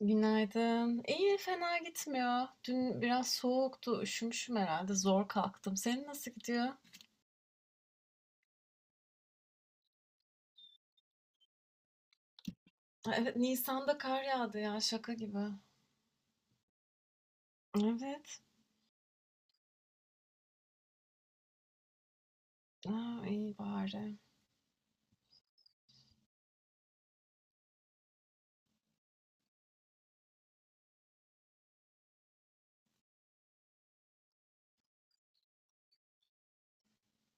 Günaydın. İyi, fena gitmiyor. Dün biraz soğuktu, üşümüşüm herhalde. Zor kalktım. Senin nasıl gidiyor? Ha, Evet, Nisan'da kar yağdı ya, şaka gibi. Evet. Aa, iyi bari.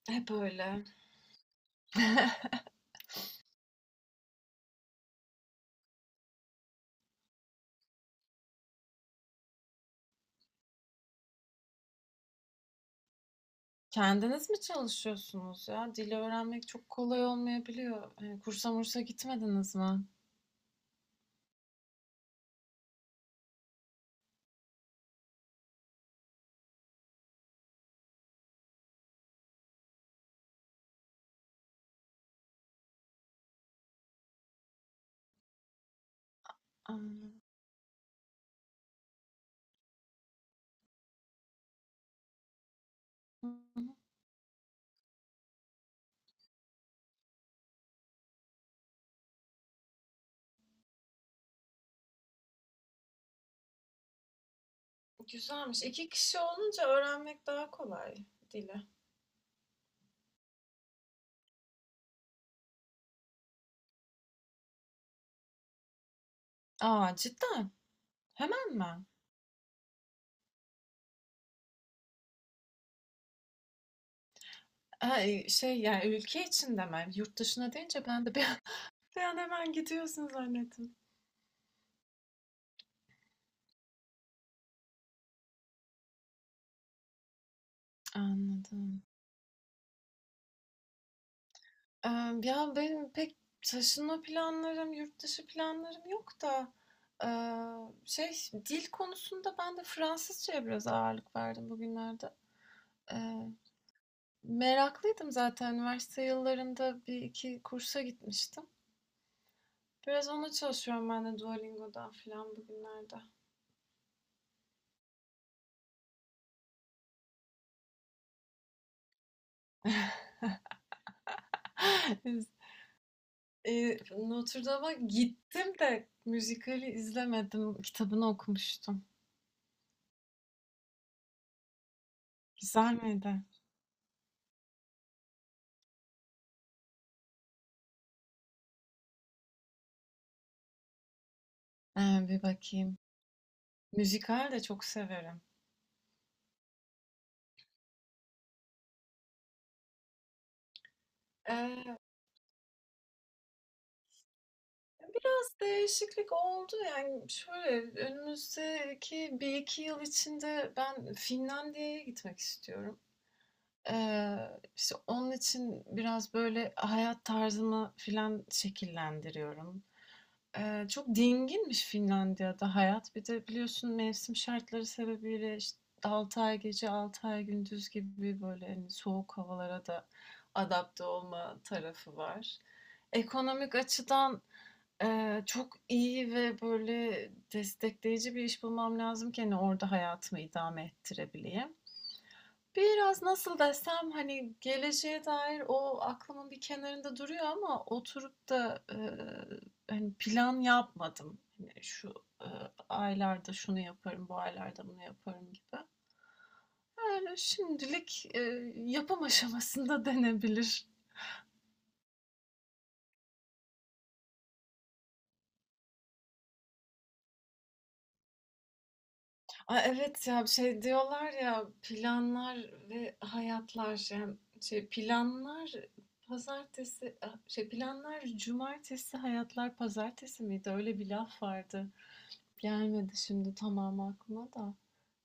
Hep öyle. Kendiniz mi çalışıyorsunuz ya? Dili öğrenmek çok kolay olmayabiliyor. Kursa mursa gitmediniz mi? Aa, hı hı. Güzelmiş. İki kişi olunca öğrenmek daha kolay dili. Aa, cidden? Hemen mi? Ay, şey yani ülke içinde mi? Hani yurt dışına deyince ben de bir an, bir an hemen gidiyorsun zannettim. Anladım. Ee, Ya benim pek taşınma planlarım, yurt dışı planlarım yok da şey, dil konusunda ben de Fransızcaya biraz ağırlık verdim bugünlerde. Ee, meraklıydım zaten. Üniversite yıllarında bir iki kursa gitmiştim. Biraz ona çalışıyorum ben de Duolingo'dan falan bugünlerde. Notre Dame'a gittim de müzikali izlemedim. Kitabını okumuştum. Güzel miydi? Ee, Bir bakayım. Müzikal de çok severim. Ee, Biraz değişiklik oldu, yani şöyle, önümüzdeki bir iki yıl içinde ben Finlandiya'ya gitmek istiyorum. Ee, işte onun için biraz böyle hayat tarzımı filan şekillendiriyorum. Çok dinginmiş Finlandiya'da hayat. Bir de biliyorsun mevsim şartları sebebiyle, işte, 6 ay gece 6 ay gündüz gibi böyle, hani, soğuk havalara da adapte olma tarafı var. Ekonomik açıdan, çok iyi ve böyle destekleyici bir iş bulmam lazım ki, hani, orada hayatımı idame ettirebileyim. Biraz nasıl desem, hani, geleceğe dair o aklımın bir kenarında duruyor ama oturup da, hani, plan yapmadım. Hani, şu, aylarda şunu yaparım, bu aylarda bunu yaparım gibi. Öyle şimdilik, yapım aşamasında denebilir. Ay, evet ya, şey diyorlar ya, planlar ve hayatlar, yani, şey, planlar pazartesi, ah, şey, planlar cumartesi, hayatlar pazartesi miydi? Öyle bir laf vardı. Gelmedi şimdi tamam aklıma da.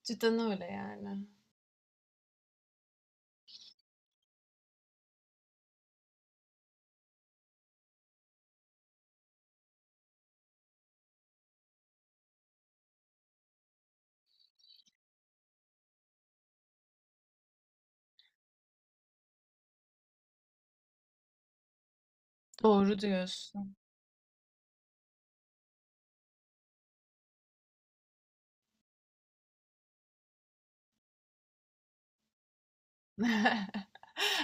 Cidden öyle yani. Doğru diyorsun.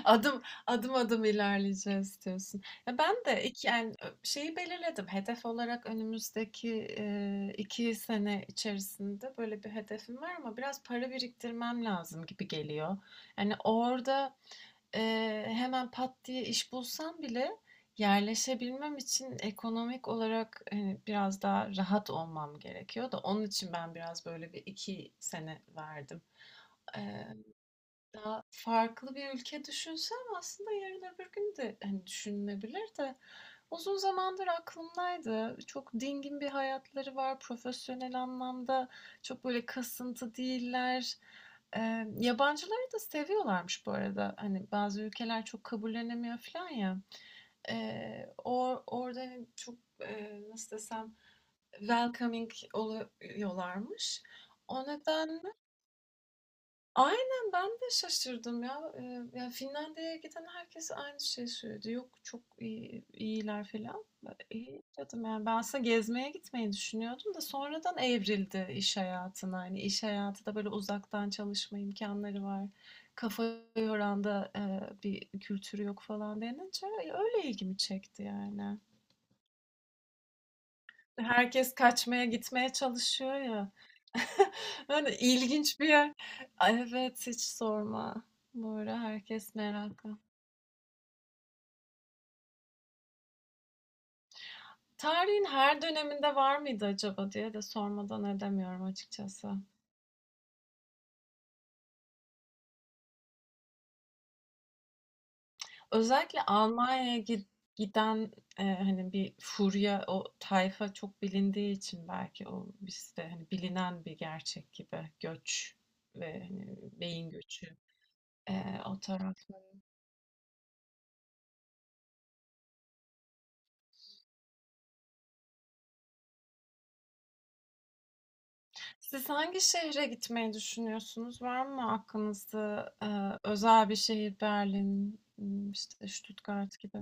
Adım adım ilerleyeceğiz diyorsun. Ya ben de iki yani şeyi belirledim. Hedef olarak önümüzdeki iki sene içerisinde böyle bir hedefim var ama biraz para biriktirmem lazım gibi geliyor. Yani orada e, hemen pat diye iş bulsam bile yerleşebilmem için ekonomik olarak hani biraz daha rahat olmam gerekiyor da onun için ben biraz böyle bir iki sene verdim. Daha farklı bir ülke düşünsem aslında yarın öbür gün de hani düşünülebilir de uzun zamandır aklımdaydı. Çok dingin bir hayatları var. Profesyonel anlamda çok böyle kasıntı değiller. Yabancıları da seviyorlarmış bu arada. Hani bazı ülkeler çok kabullenemiyor falan ya. Orada hani çok nasıl desem, welcoming oluyorlarmış. O nedenle aynen, ben de şaşırdım ya. Ya Finlandiya'ya giden herkes aynı şeyi söyledi. Yok çok iyi, iyiler falan. Ben, İyi dedim yani, ben aslında gezmeye gitmeyi düşünüyordum da sonradan evrildi iş hayatına. Hani iş hayatı da böyle uzaktan çalışma imkanları var. Kafa yoran da bir kültürü yok falan denince öyle ilgimi çekti yani. Herkes kaçmaya gitmeye çalışıyor ya. Yani ilginç bir yer. Ay, evet, hiç sorma. Böyle herkes meraklı. Tarihin her döneminde var mıydı acaba diye de sormadan edemiyorum açıkçası. Özellikle giden hani bir furya, o tayfa çok bilindiği için belki o bizde hani bilinen bir gerçek gibi göç ve hani beyin göçü o taraf. Siz hangi şehre gitmeyi düşünüyorsunuz? Var mı aklınızda özel bir şehir, Berlin, işte Stuttgart gibi? Aa,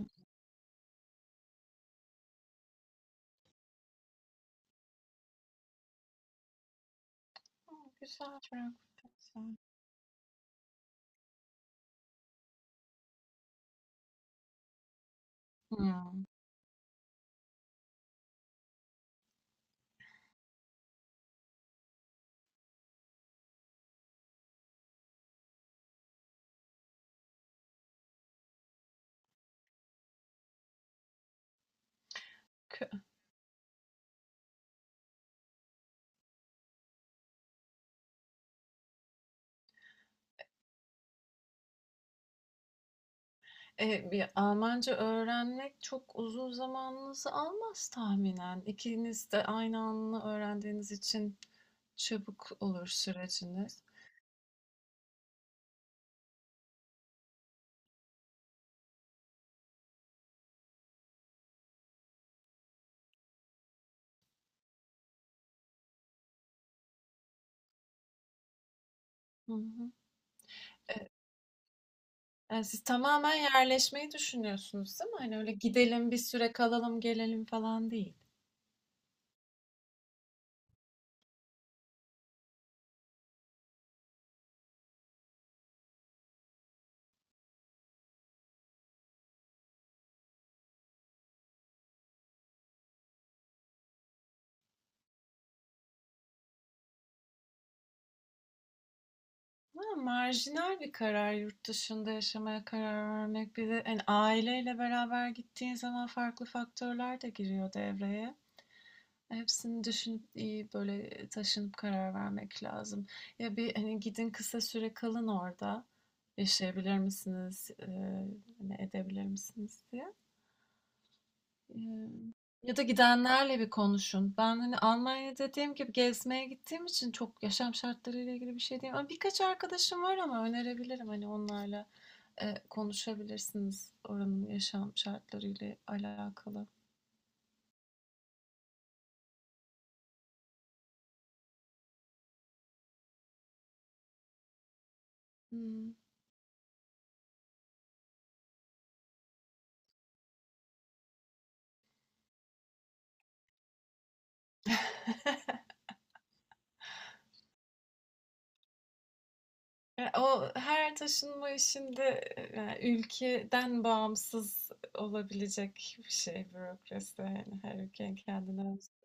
güzel, Frankfurt da güzel. Hmm. Kö- E, bir Almanca öğrenmek çok uzun zamanınızı almaz tahminen. İkiniz de aynı anda öğrendiğiniz için çabuk olur süreciniz. Hı hı. E, yani siz tamamen yerleşmeyi düşünüyorsunuz, değil mi? Hani öyle gidelim bir süre kalalım gelelim falan değil. Ha, marjinal bir karar yurt dışında yaşamaya karar vermek. Bir de hani aileyle beraber gittiğin zaman farklı faktörler de giriyor devreye. Hepsini düşünüp iyi böyle taşınıp karar vermek lazım. Ya bir hani gidin kısa süre kalın orada. Yaşayabilir misiniz? Hani edebilir misiniz diye. Eee, Ya da gidenlerle bir konuşun. Ben hani Almanya dediğim gibi gezmeye gittiğim için çok yaşam şartlarıyla ilgili bir şey diyemem. Ama birkaç arkadaşım var ama önerebilirim, hani onlarla konuşabilirsiniz oranın yaşam şartlarıyla alakalı. Hmm. E, o her taşınma işinde yani ülkeden bağımsız olabilecek bir şey bürokrasi. Yani her ülkenin kendine özgü.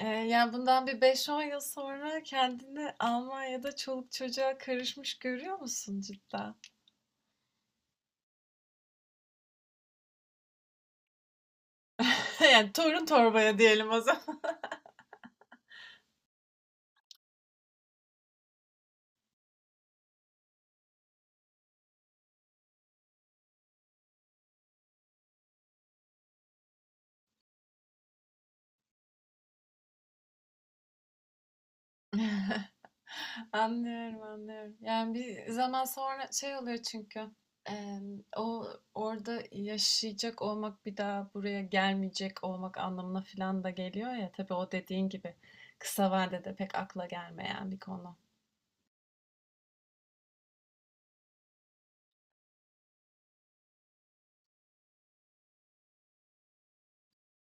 E, yani bundan bir beş on yıl sonra kendini Almanya'da çoluk çocuğa karışmış görüyor musun cidden? Yani torun torbaya diyelim o zaman. Anlıyorum, anlıyorum. Yani bir zaman sonra şey oluyor çünkü eee, o orada yaşayacak olmak bir daha buraya gelmeyecek olmak anlamına falan da geliyor ya. Tabii o dediğin gibi kısa vadede pek akla gelmeyen bir konu.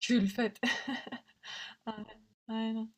Külfet. Aynen.